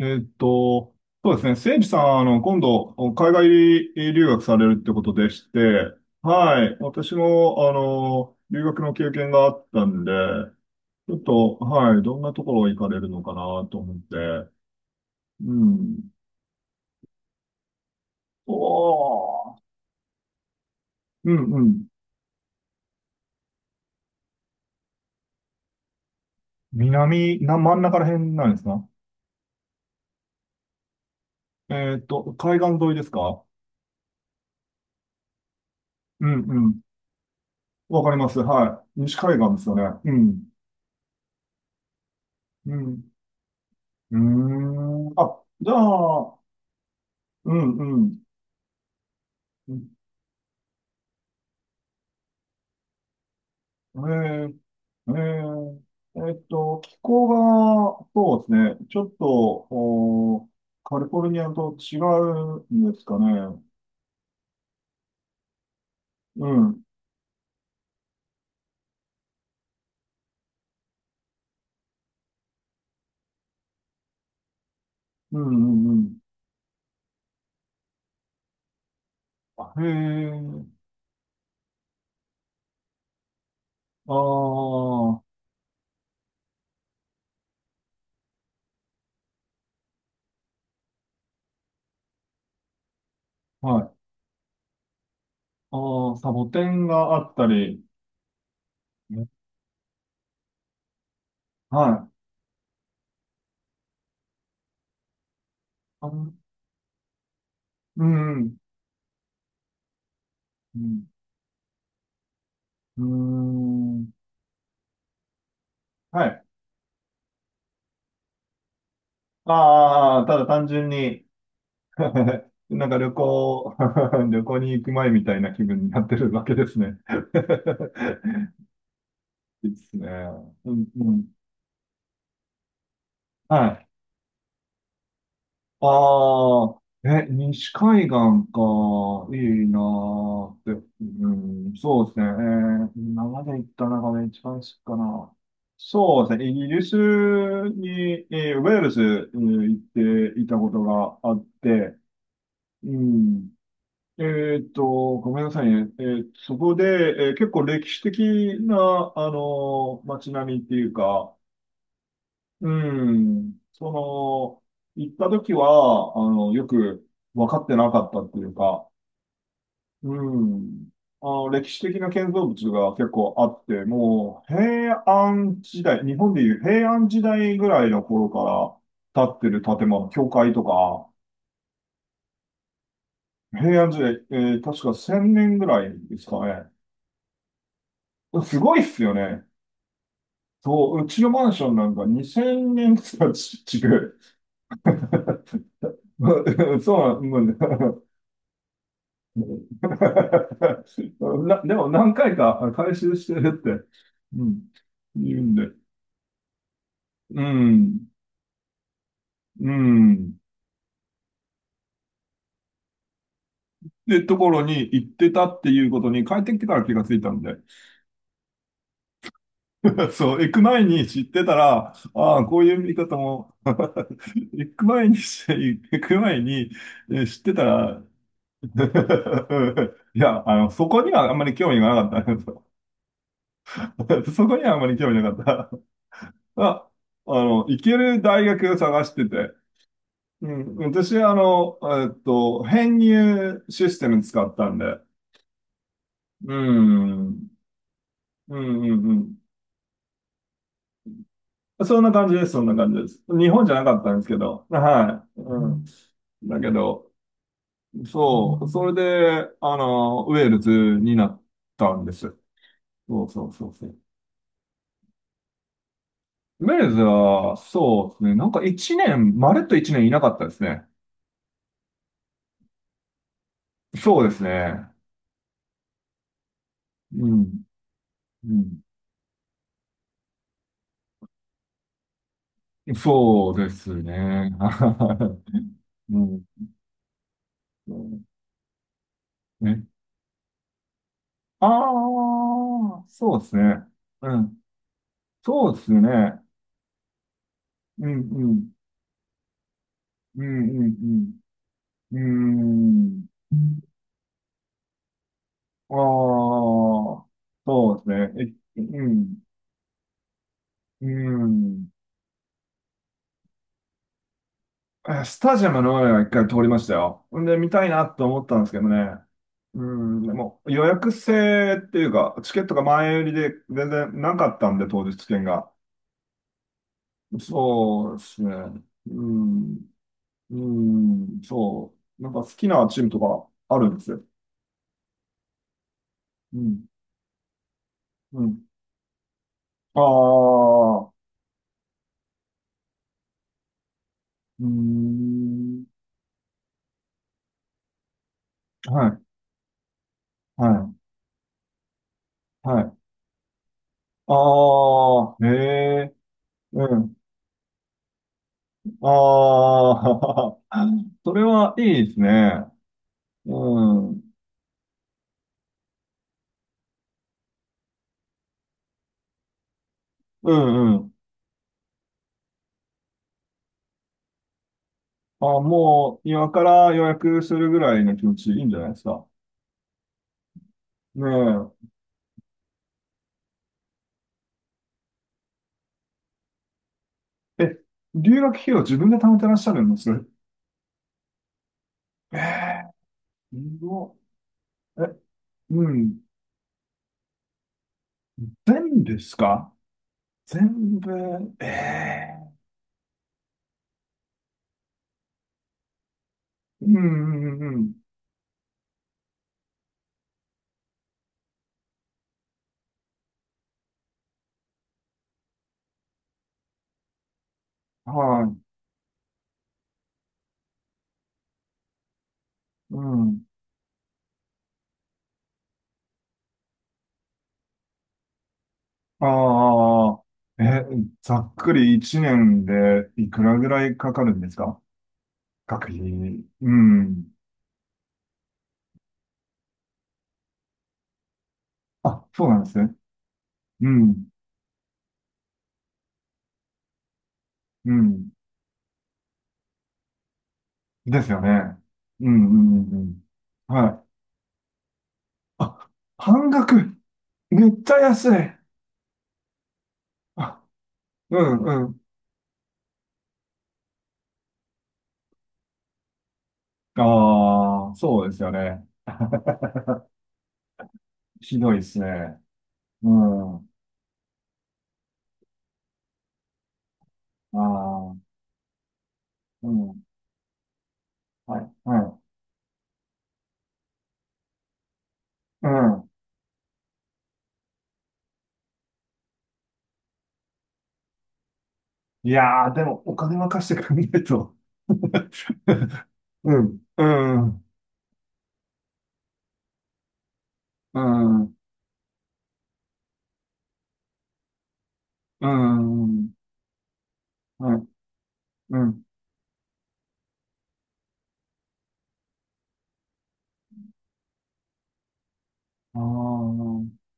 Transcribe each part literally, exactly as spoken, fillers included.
えっと、そうですね。せいじさん、あの、今度、海外留学されるってことでして、はい。私も、あの、留学の経験があったんで、ちょっと、はい。どんなところ行かれるのかなと思って。うん。おー、うんうん。南、な、真ん中ら辺なんですか？えっと、海岸沿いですか？うんうん。わかります。はい。西海岸ですよね。うん。うん。うーん。あ、じゃあ、うん、うん。うんへえー、へえー。えっと、気候が、そうですね。ちょっと、おー、カリフォルニアと違うんですかね。うん、うん、うん、うん。あへえ、ああ、はい。ああ、サボテンがあったり、ねはい。あの、うん、うん、うん、うーんはい。ああ、ただ単純に、なんか旅行、旅行に行く前みたいな気分になってるわけですね。いいですね。うん、うん。はい。ああ、え、西海岸か。いいなーって。うん、そうですね。えー今まで行った中で一番好きかな。そうですね。イギリスに、えーウェールズ、えー行っていたことがあって、うん。えーっと、ごめんなさいね。えーそこで、えー結構歴史的な、あのー街並みっていうか、うん、その、行った時は、あの、よく分かってなかったっていうか、うん、あの、歴史的な建造物が結構あって、もう、平安時代、日本でいう平安時代ぐらいの頃から建ってる建物、教会とか。平安時代、えー確かせんねんぐらいですかね。すごいっすよね。そう、うちのマンションなんかにせんねんとかち違う。そうなん、もうね。 な、でも何回か回収してるって、うん、言うんで。うん、うん。で、ところに行ってたっていうことに帰ってきてから気がついたんで。そう、行く前に知ってたら、ああ、こういう見方も。 行く前にし、行く前にえー知ってたら、いや、あの、そこにはあんまり興味がなかったんですよ。そこにはあんまり興味なかった。あ、あの、行ける大学を探してて。うん、私は、あの、えっと、編入システム使ったんで。うん、うん、うん、うん。そんな感じです、そんな感じです。日本じゃなかったんですけど。はい。うん。だけど、そう、それで、あの、ウェールズになったんです。そうそうそうそう。ウェールズは、そうですね。なんか一年、まるっと一年いなかったですね。そうですね。うん。うん。そうですね。はいうん。ね。ああ、そうですね。うん。そうですね。うん、うん。うん、うん、うん。うん。ああ、そうですね。え、うん。うん。えスタジアムの上はいっかい通りましたよ。んで、見たいなと思ったんですけどね。うん、でも予約制っていうか、チケットが前売りで全然なかったんで、当日券が。そうですね。うん、うん、そう。なんか好きなチームとかあるんですよ。うん、うん。ああ、うん、はい、はい、はい。ああ、へえ、うん、ああ、それはいいですね。うん。うんうん。あ、もう今から予約するぐらいの気持ちいいんじゃないですか。ねえ。え、留学費用自分で貯めてらっしゃるんです？ええー、すごいえ、うん。全部ですか？全部。ええうんうんうんうん。はい。うん。ああ。え、ざっくりいちねんでいくらぐらいかかるんですか？学費に。うん。あ、そうなんですね。うん。うん。ですよね。うんうんうんうん。はい。あ、半額。めっちゃ安い。あ、うんうん。ああ、そうですよね。ひどいですね。うん。ああ、うん。はい、はい。うん。いやー、でもお金任せてくれないと。うん、うん、うん、うん、うん、はい、うん。ああ、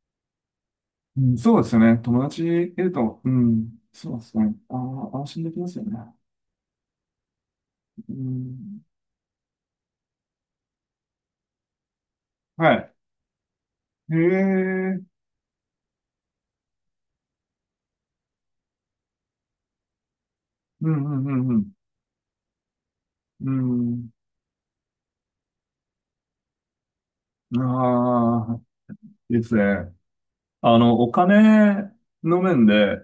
うん、そうですね。友達いると、うん、そうですね。ああ、安心できますよね。うん、はい。へえ、うんうんうんうん。うん、ああ、いいですね。あの、お金の面で、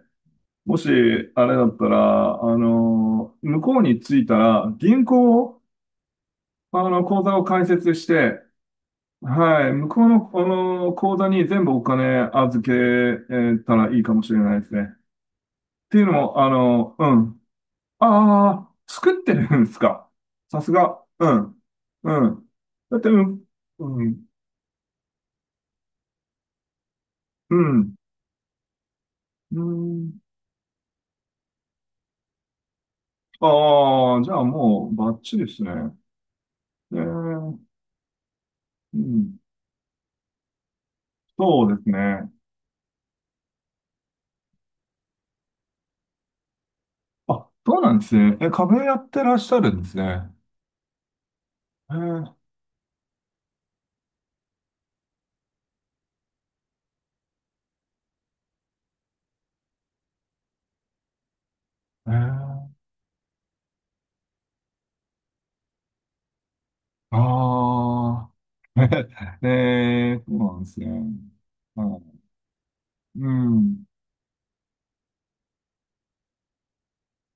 もし、あれだったら、あの、向こうに着いたら、銀行を、あの、口座を開設して、はい、向こうの、あの、口座に全部お金預けたらいいかもしれないですね。っていうのも、あの、うん。ああ、作ってるんですか。さすが。うん。うん。だって、うん。うん。うん。うんああ、じゃあもうバッチリですね。えー、うん。そうですね。あ、そうなんですね。え、壁やってらっしゃるんですね。えー、えー、ああ。えー、そうなんですね。はいうん。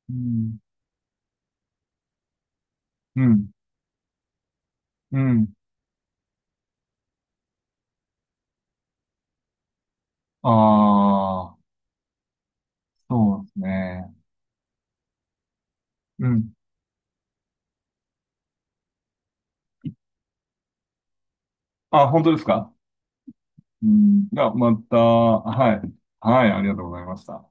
うん。うん。うん。ああ、そうですね。うん。あ、本当ですか？うん。がまた、はい。はい、ありがとうございました。